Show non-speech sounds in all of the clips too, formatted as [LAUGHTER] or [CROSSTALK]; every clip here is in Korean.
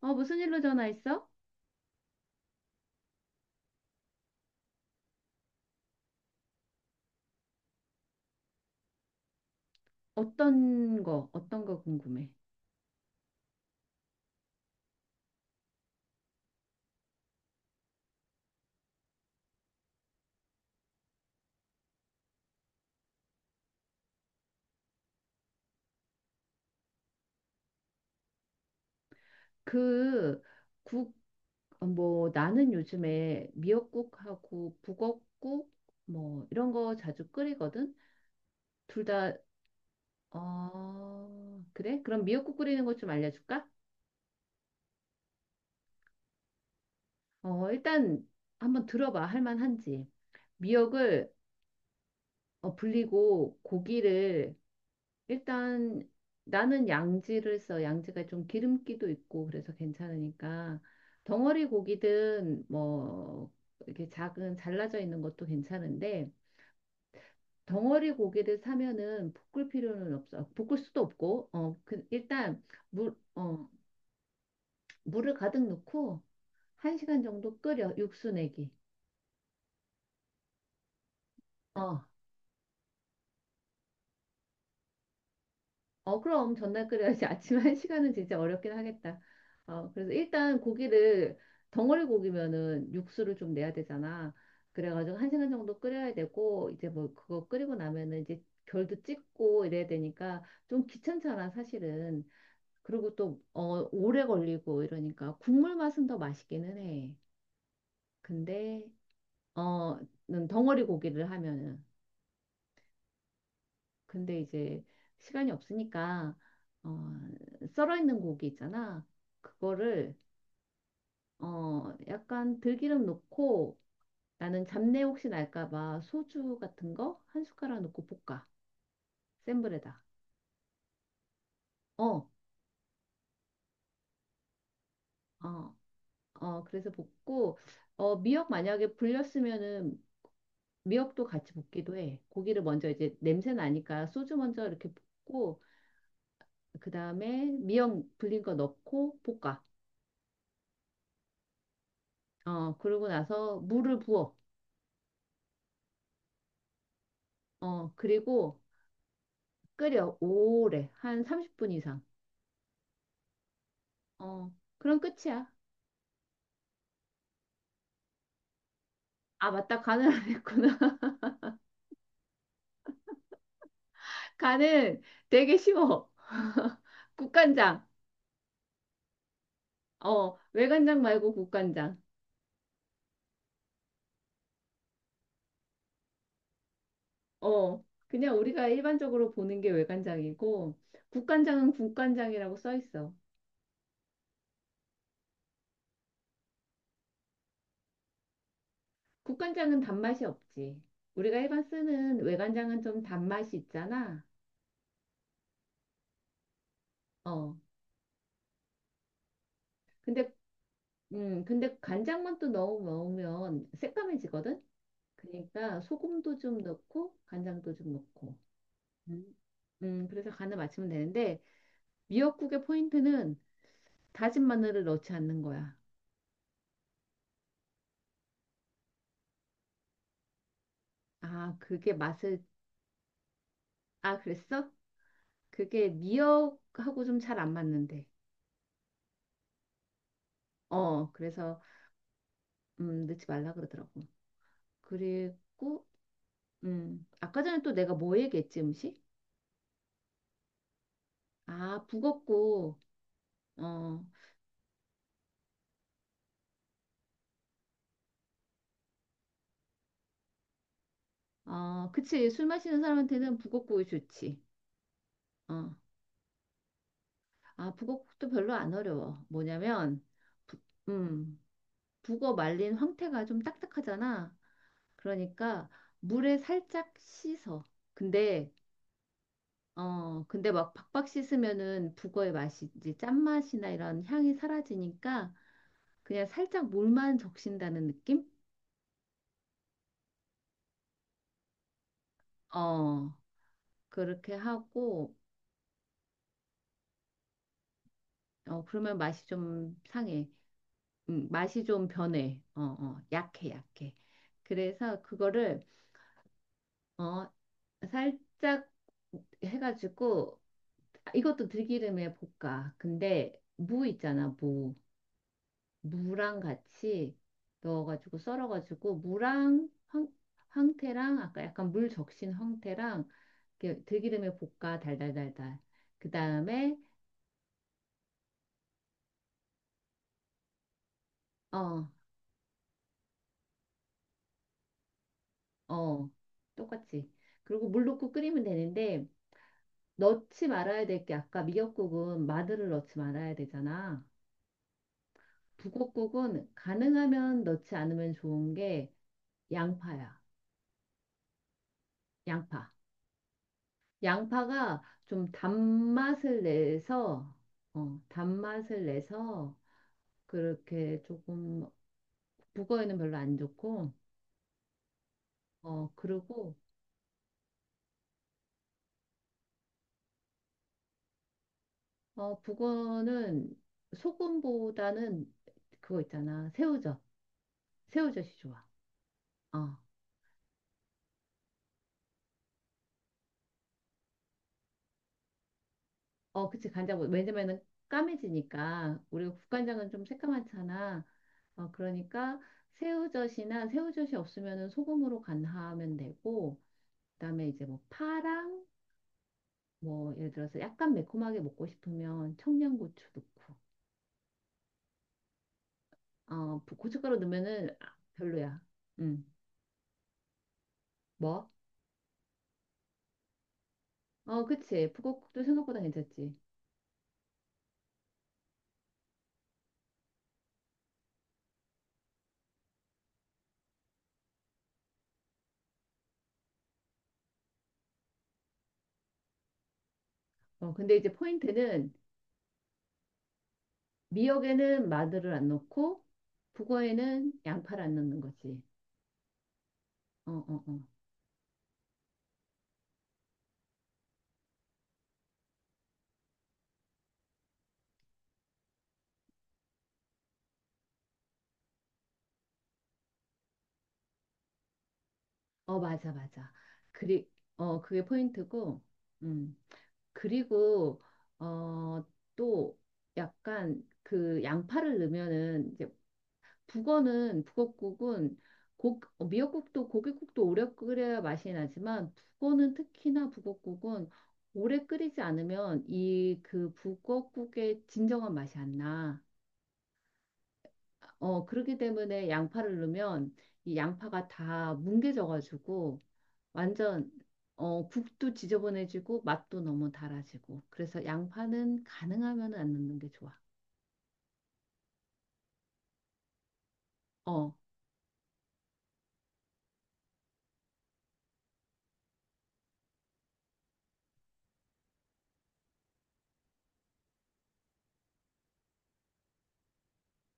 무슨 일로 전화했어? 어떤 거 궁금해. 그, 국, 뭐, 나는 요즘에 미역국하고 북엇국, 뭐, 이런 거 자주 끓이거든? 둘 다, 그래? 그럼 미역국 끓이는 것 좀 알려줄까? 일단 한번 들어봐. 할 만한지. 미역을 불리고 고기를 일단 나는 양지를 써. 양지가 좀 기름기도 있고 그래서 괜찮으니까 덩어리 고기든 뭐 이렇게 작은 잘라져 있는 것도 괜찮은데 덩어리 고기를 사면은 볶을 필요는 없어. 볶을 수도 없고 일단 물 어 물을 가득 넣고 한 시간 정도 끓여 육수 내기. 어. 어, 그럼 전날 끓여야지. [LAUGHS] 아침 한 [LAUGHS] 시간은 진짜 어렵긴 하겠다. 그래서 일단 고기를 덩어리 고기면은 육수를 좀 내야 되잖아. 그래가지고 한 시간 정도 끓여야 되고 이제 뭐 그거 끓이고 나면은 이제 결도 찍고 이래야 되니까 좀 귀찮잖아, 사실은. 그리고 또 오래 걸리고 이러니까 국물 맛은 더 맛있기는 해. 근데 어, 는 덩어리 고기를 하면은 근데 이제 시간이 없으니까 어, 썰어 있는 고기 있잖아. 그거를 약간 들기름 넣고 나는 잡내 혹시 날까 봐 소주 같은 거 한 숟가락 넣고 볶아. 센 불에다. 어, 어, 어. 그래서 볶고 미역 만약에 불렸으면은 미역도 같이 볶기도 해. 고기를 먼저 이제 냄새 나니까 소주 먼저 이렇게 볶고 그다음에 미역 불린 거 넣고 볶아. 그러고 나서 물을 부어. 그리고 끓여 오래 한 30분 이상. 어, 그럼 끝이야. 아, 맞다. 간을 안 했구나. [LAUGHS] 간은 되게 쉬워. 국간장. 어, 외간장 말고 국간장. 어, 그냥 우리가 일반적으로 보는 게 외간장이고 국간장은 국간장이라고 써 있어. 국간장은 단맛이 없지. 우리가 일반 쓰는 외간장은 좀 단맛이 있잖아. 어, 근데 근데 간장만 또 넣어 먹으면 새까매지거든. 그러니까 소금도 좀 넣고 간장도 좀 넣고. 음. 그래서 간을 맞추면 되는데 미역국의 포인트는 다진 마늘을 넣지 않는 거야. 아, 그게 맛을 아, 그랬어? 그게 미역하고 좀 잘 안 맞는데. 어, 그래서 넣지 말라 그러더라고. 그리고 아까 전에 또 내가 뭐 얘기했지, 음식? 아, 북엇국. 어. 어, 그치. 술 마시는 사람한테는 북엇국이 좋지. 어. 아, 북어국도 별로 안 어려워. 뭐냐면, 부, 음, 북어 말린 황태가 좀 딱딱하잖아. 그러니까 물에 살짝 씻어. 근데, 근데 막 박박 씻으면은 북어의 맛이 이제 짠맛이나 이런 향이 사라지니까 그냥 살짝 물만 적신다는 느낌? 어, 그렇게 하고, 어, 그러면 맛이 좀 상해. 맛이 좀 변해. 어, 어, 약해, 약해. 그래서 그거를 어, 살짝 해가지고 아, 이것도 들기름에 볶아. 근데 무 있잖아, 무. 무랑 같이 넣어가지고 썰어가지고 무랑 황태랑 아까 약간 물 적신 황태랑 이렇게 들기름에 볶아 달달달달. 그 다음에 어, 어, 똑같이. 그리고 물 넣고 끓이면 되는데 넣지 말아야 될게 아까 미역국은 마늘을 넣지 말아야 되잖아. 북엇국은 가능하면 넣지 않으면 좋은 게 양파야. 양파. 양파가 좀 단맛을 내서, 어, 단맛을 내서 그렇게 조금 북어에는 별로 안 좋고, 어, 그리고, 어, 북어는 소금보다는 그거 있잖아. 새우젓. 새우젓이 좋아. 어, 어, 그치, 간장. 왜냐면은 까매지니까. 우리가 국간장은 좀 새까맣잖아. 어, 그러니까 새우젓이나 새우젓이 없으면은 소금으로 간하면 되고, 그다음에 이제 뭐 파랑, 뭐 예를 들어서 약간 매콤하게 먹고 싶으면 청양고추 넣고, 어, 고춧가루 넣으면은 아, 별로야. 음 뭐? 어, 그치. 북엇국도 생각보다 괜찮지. 어, 근데 이제 포인트는 미역에는 마늘을 안 넣고, 북어에는 양파를 안 넣는 거지. 어, 어, 어. 어, 맞아, 맞아. 그리, 그게 포인트고, 음. 그리고, 어, 또 약간 그 양파를 넣으면은 이제 북어국은 미역국도 고깃국도 오래 끓여야 맛이 나지만 북어는 특히나 북어국은 오래 끓이지 않으면 이 그 북어국의 진정한 맛이 안 나. 어, 그렇기 때문에 양파를 넣으면 이 양파가 다 뭉개져가지고 완전 국도 지저분해지고 맛도 너무 달아지고 그래서 양파는 가능하면 안 넣는 게 좋아. 어,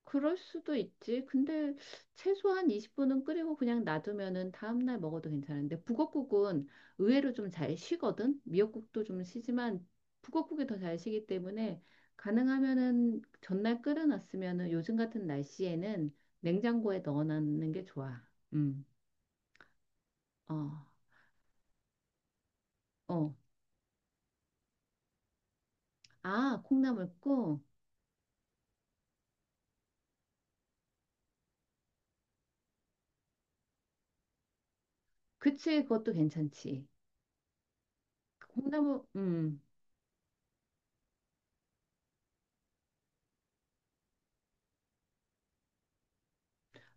그럴 수도 있지. 근데 최소한 20분은 끓이고 그냥 놔두면은 다음날 먹어도 괜찮은데 북엇국은 의외로 좀 잘 쉬거든. 미역국도 좀 쉬지만 북엇국이 더 잘 쉬기 때문에 가능하면은 전날 끓여놨으면은 요즘 같은 날씨에는 냉장고에 넣어놓는 게 좋아. 음, 어, 어. 아, 콩나물국. 그치, 그것도 괜찮지. 콩나물,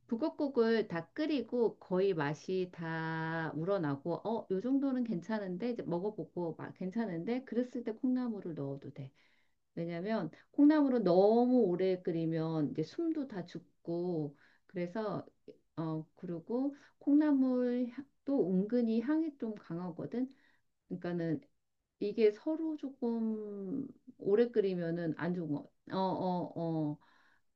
북엇국을 다 끓이고 거의 맛이 다 우러나고, 어, 요 정도는 괜찮은데, 이제 먹어보고, 막 괜찮은데, 그랬을 때 콩나물을 넣어도 돼. 왜냐면, 콩나물은 너무 오래 끓이면 이제 숨도 다 죽고, 그래서, 그리고 콩나물 향도 은근히 향이 좀 강하거든. 그러니까는 이게 서로 조금 오래 끓이면은 안 좋은 거. 어, 어, 어.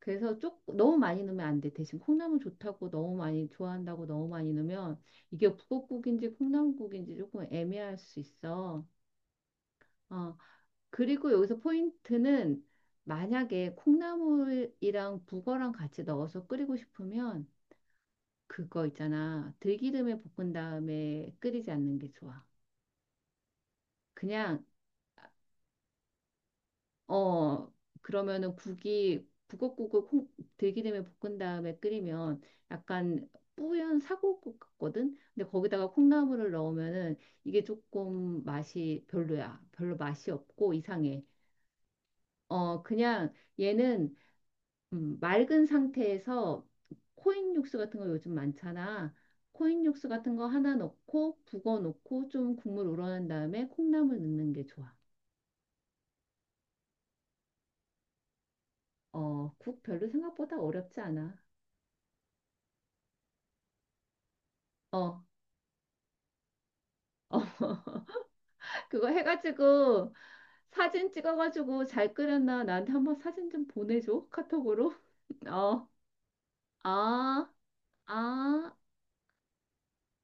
그래서 조금 너무 많이 넣으면 안 돼. 대신 콩나물 좋다고 너무 많이 좋아한다고 너무 많이 넣으면 이게 북엇국인지 콩나물국인지 조금 애매할 수 있어. 어. 그리고 여기서 포인트는 만약에 콩나물이랑 북어랑 같이 넣어서 끓이고 싶으면 그거 있잖아. 들기름에 볶은 다음에 끓이지 않는 게 좋아. 그냥 어, 그러면은 들기름에 볶은 다음에 끓이면 약간 뿌연 사골국 같거든? 근데 거기다가 콩나물을 넣으면은 이게 조금 맛이 별로야. 별로 맛이 없고 이상해. 어, 그냥 얘는 맑은 상태에서 코인 육수 같은 거 요즘 많잖아. 코인 육수 같은 거 하나 넣고 북어 넣고 좀 국물 우러난 다음에 콩나물 넣는 게 좋아. 어, 국 별로 생각보다 어렵지 않아. 어. 어, [LAUGHS] 그거 해가지고 사진 찍어가지고 잘 끓였나 나한테 한번 사진 좀 보내줘 카톡으로. [LAUGHS] 어, 아, 아.